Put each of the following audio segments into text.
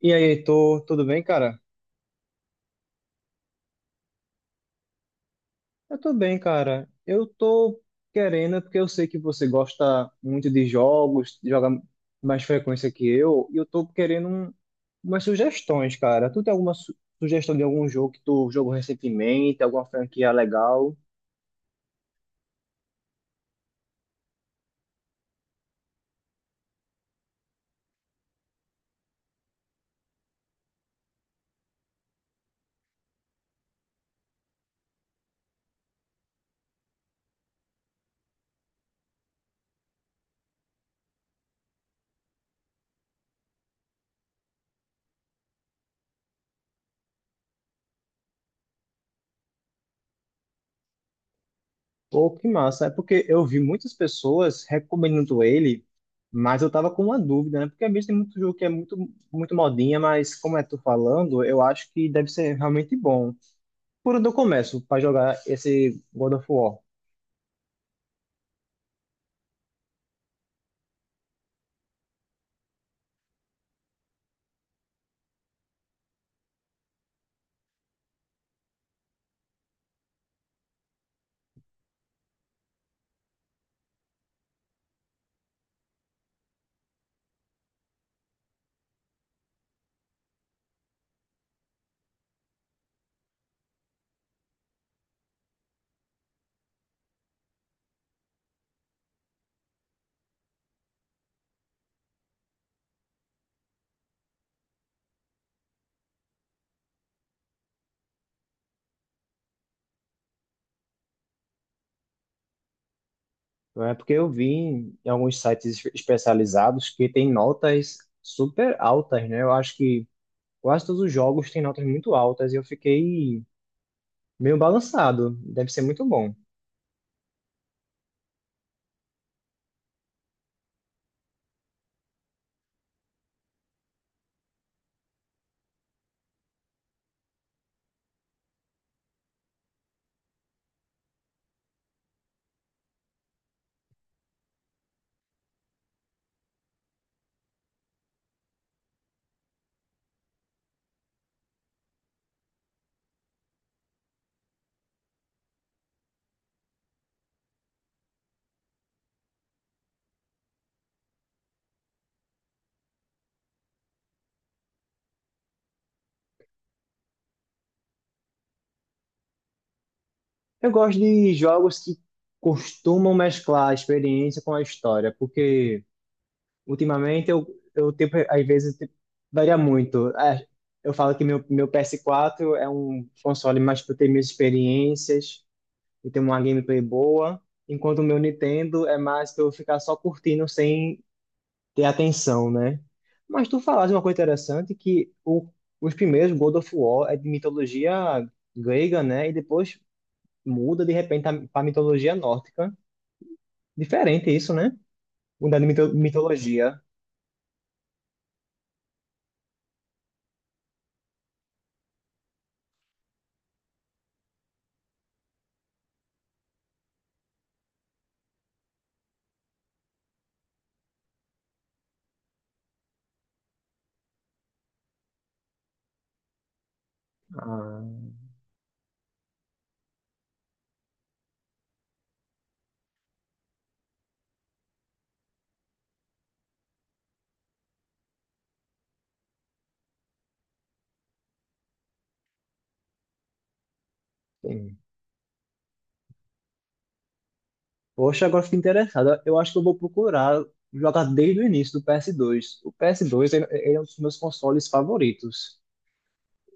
E aí, Heitor, tudo bem, cara? Eu tô bem, cara. Eu tô querendo, porque eu sei que você gosta muito de jogos, joga mais frequência que eu, e eu tô querendo umas sugestões, cara. Tu tem alguma sugestão de algum jogo que tu jogou recentemente, alguma franquia legal? Pô, que massa. É porque eu vi muitas pessoas recomendando ele, mas eu tava com uma dúvida, né? Porque às vezes tem muito jogo que é muito modinha, mas como é tu falando, eu acho que deve ser realmente bom. Por onde eu começo para jogar esse God of War? Não é porque eu vi em alguns sites especializados que tem notas super altas, né? Eu acho que quase todos os jogos têm notas muito altas e eu fiquei meio balançado. Deve ser muito bom. Eu gosto de jogos que costumam mesclar a experiência com a história, porque ultimamente eu, eu tipo, varia muito. É, eu falo que meu ps quatro é um console mais para ter minhas experiências e ter uma gameplay boa, enquanto o meu Nintendo é mais pra eu ficar só curtindo sem ter atenção, né? Mas tu falaste uma coisa interessante que os primeiros God of War é de mitologia grega, né? E depois muda de repente para mitologia nórdica. Diferente isso, né? Mudar de mitologia. Ah, sim. Poxa, agora fiquei interessado. Eu acho que eu vou procurar jogar desde o início do PS2. O PS2 ele é um dos meus consoles favoritos.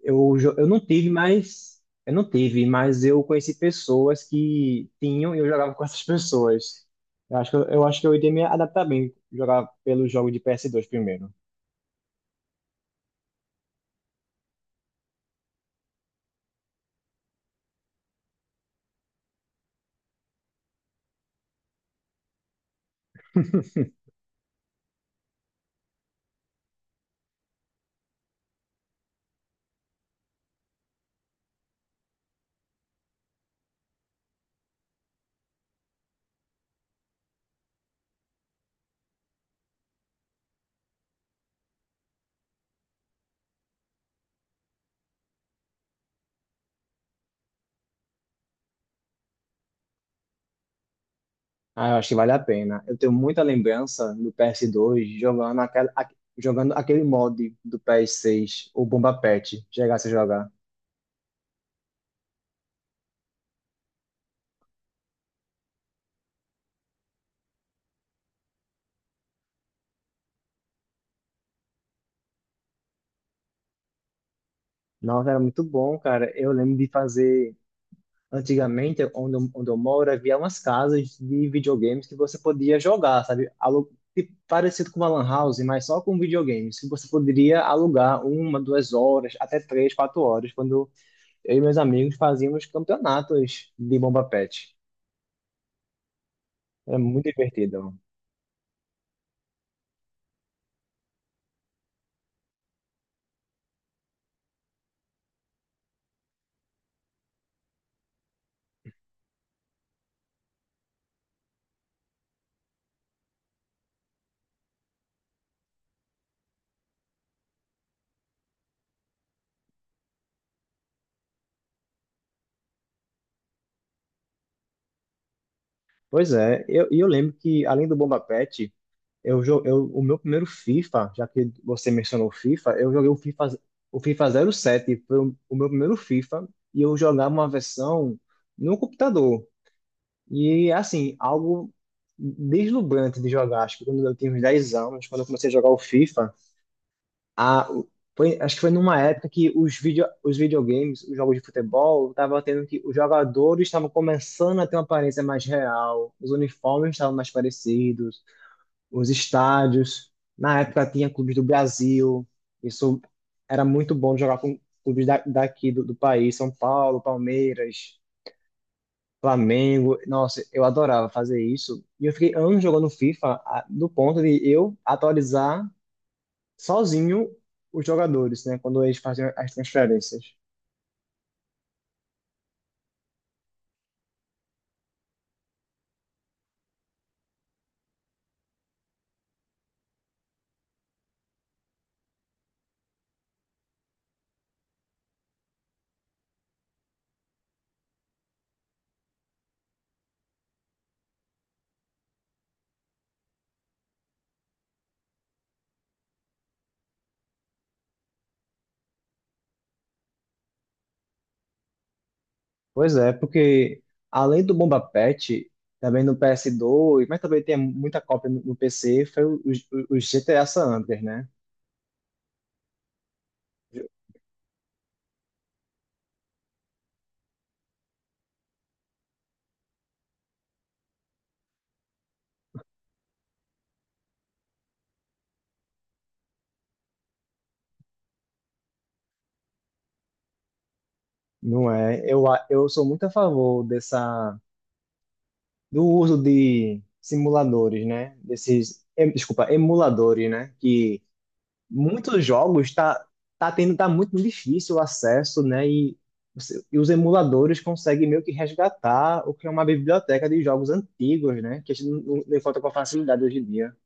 Eu não tive, mas eu não tive, mas eu conheci pessoas que tinham e eu jogava com essas pessoas. Eu acho que eu acho que eu iria me adaptar bem jogar pelo jogo de ps dois primeiro. Ah, eu acho que vale a pena. Eu tenho muita lembrança do ps dois jogando jogando aquele mod do ps seis o Bomba Pet, chegasse a jogar. Nossa, era muito bom, cara. Eu lembro de fazer antigamente, onde eu moro, havia umas casas de videogames que você podia jogar, sabe? Alu tipo, parecido com uma lan house, mas só com videogames, que você poderia alugar uma, duas horas, até três, quatro horas, quando eu e meus amigos fazíamos campeonatos de bomba pet. Era muito divertido. Pois é, e eu lembro que, além do bomba pet, o meu primeiro FIFA, já que você mencionou o FIFA, eu joguei o FIFA zero sete foi o meu primeiro FIFA, e eu jogava uma versão no computador. E, assim, algo deslumbrante de jogar. Acho que quando eu tinha uns 10 anos, quando eu comecei a jogar o FIFA, a, o- acho que foi numa época que os videogames, os jogos de futebol, estavam tendo que os jogadores estavam começando a ter uma aparência mais real, os uniformes estavam mais parecidos os estádios. Na época tinha clubes do Brasil. Isso era muito bom de jogar com clubes daqui do país, São Paulo, Palmeiras, Flamengo. Nossa, eu adorava fazer isso. E eu fiquei anos jogando FIFA do ponto de eu atualizar sozinho os jogadores, né? Quando eles faziam as transferências. Pois é, porque além do Bomba Patch, também no ps dois mas também tem muita cópia no PC, foi os GTA San Andreas, né? Não é? Eu sou muito a favor dessa, do uso de simuladores, né? Desses, desculpa, emuladores, né? Que muitos jogos tá, tá tendo, tá muito difícil o acesso, né? E, e os emuladores conseguem meio que resgatar o que é uma biblioteca de jogos antigos, né? Que a gente não encontra com facilidade hoje em dia.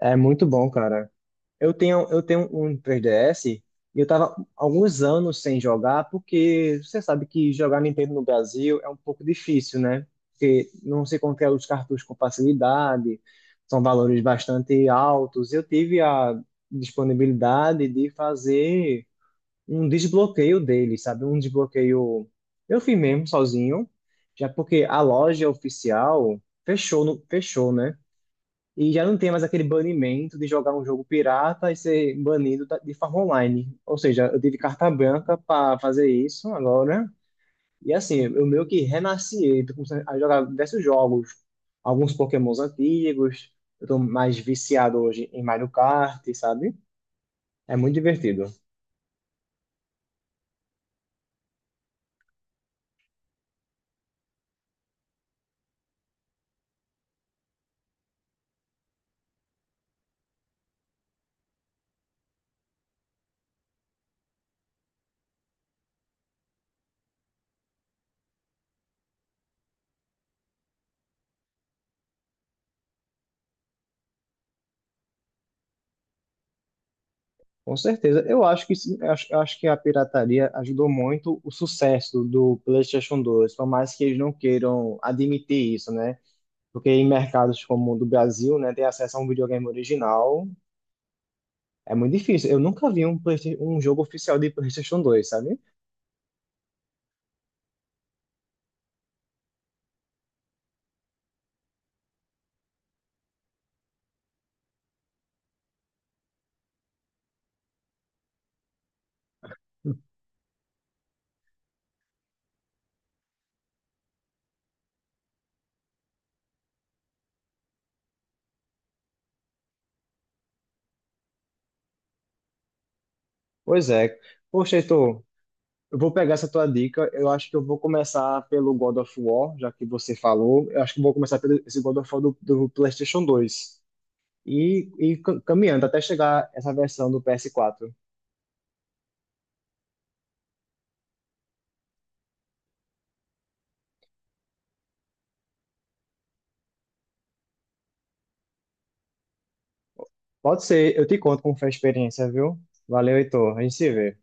É muito bom, cara. Eu tenho um 3DS e eu tava alguns anos sem jogar, porque você sabe que jogar Nintendo no Brasil é um pouco difícil, né? Porque não se encontra os cartuchos com facilidade, são valores bastante altos. Eu tive a disponibilidade de fazer um desbloqueio dele, sabe? Um desbloqueio eu fiz mesmo sozinho, já porque a loja oficial fechou, fechou, né? E já não tem mais aquele banimento de jogar um jogo pirata e ser banido de forma online. Ou seja, eu tive carta branca para fazer isso agora. E assim, eu meio que renasci, tô começando a jogar diversos jogos, alguns Pokémons antigos. Eu tô mais viciado hoje em Mario Kart, sabe? É muito divertido. Com certeza. Eu acho que sim, eu acho que a pirataria ajudou muito o sucesso do PlayStation 2, por mais que eles não queiram admitir isso, né? Porque em mercados como o do Brasil, né, ter acesso a um videogame original é muito difícil. Eu nunca vi um jogo oficial de PlayStation 2, sabe? Pois é. Poxa, Heitor, eu vou pegar essa tua dica. Eu acho que eu vou começar pelo God of War, já que você falou. Eu acho que eu vou começar pelo esse God of War do PlayStation 2. E caminhando até chegar essa versão do PS4. Pode ser, eu te conto como foi a experiência, viu? Valeu, Heitor. A gente se vê.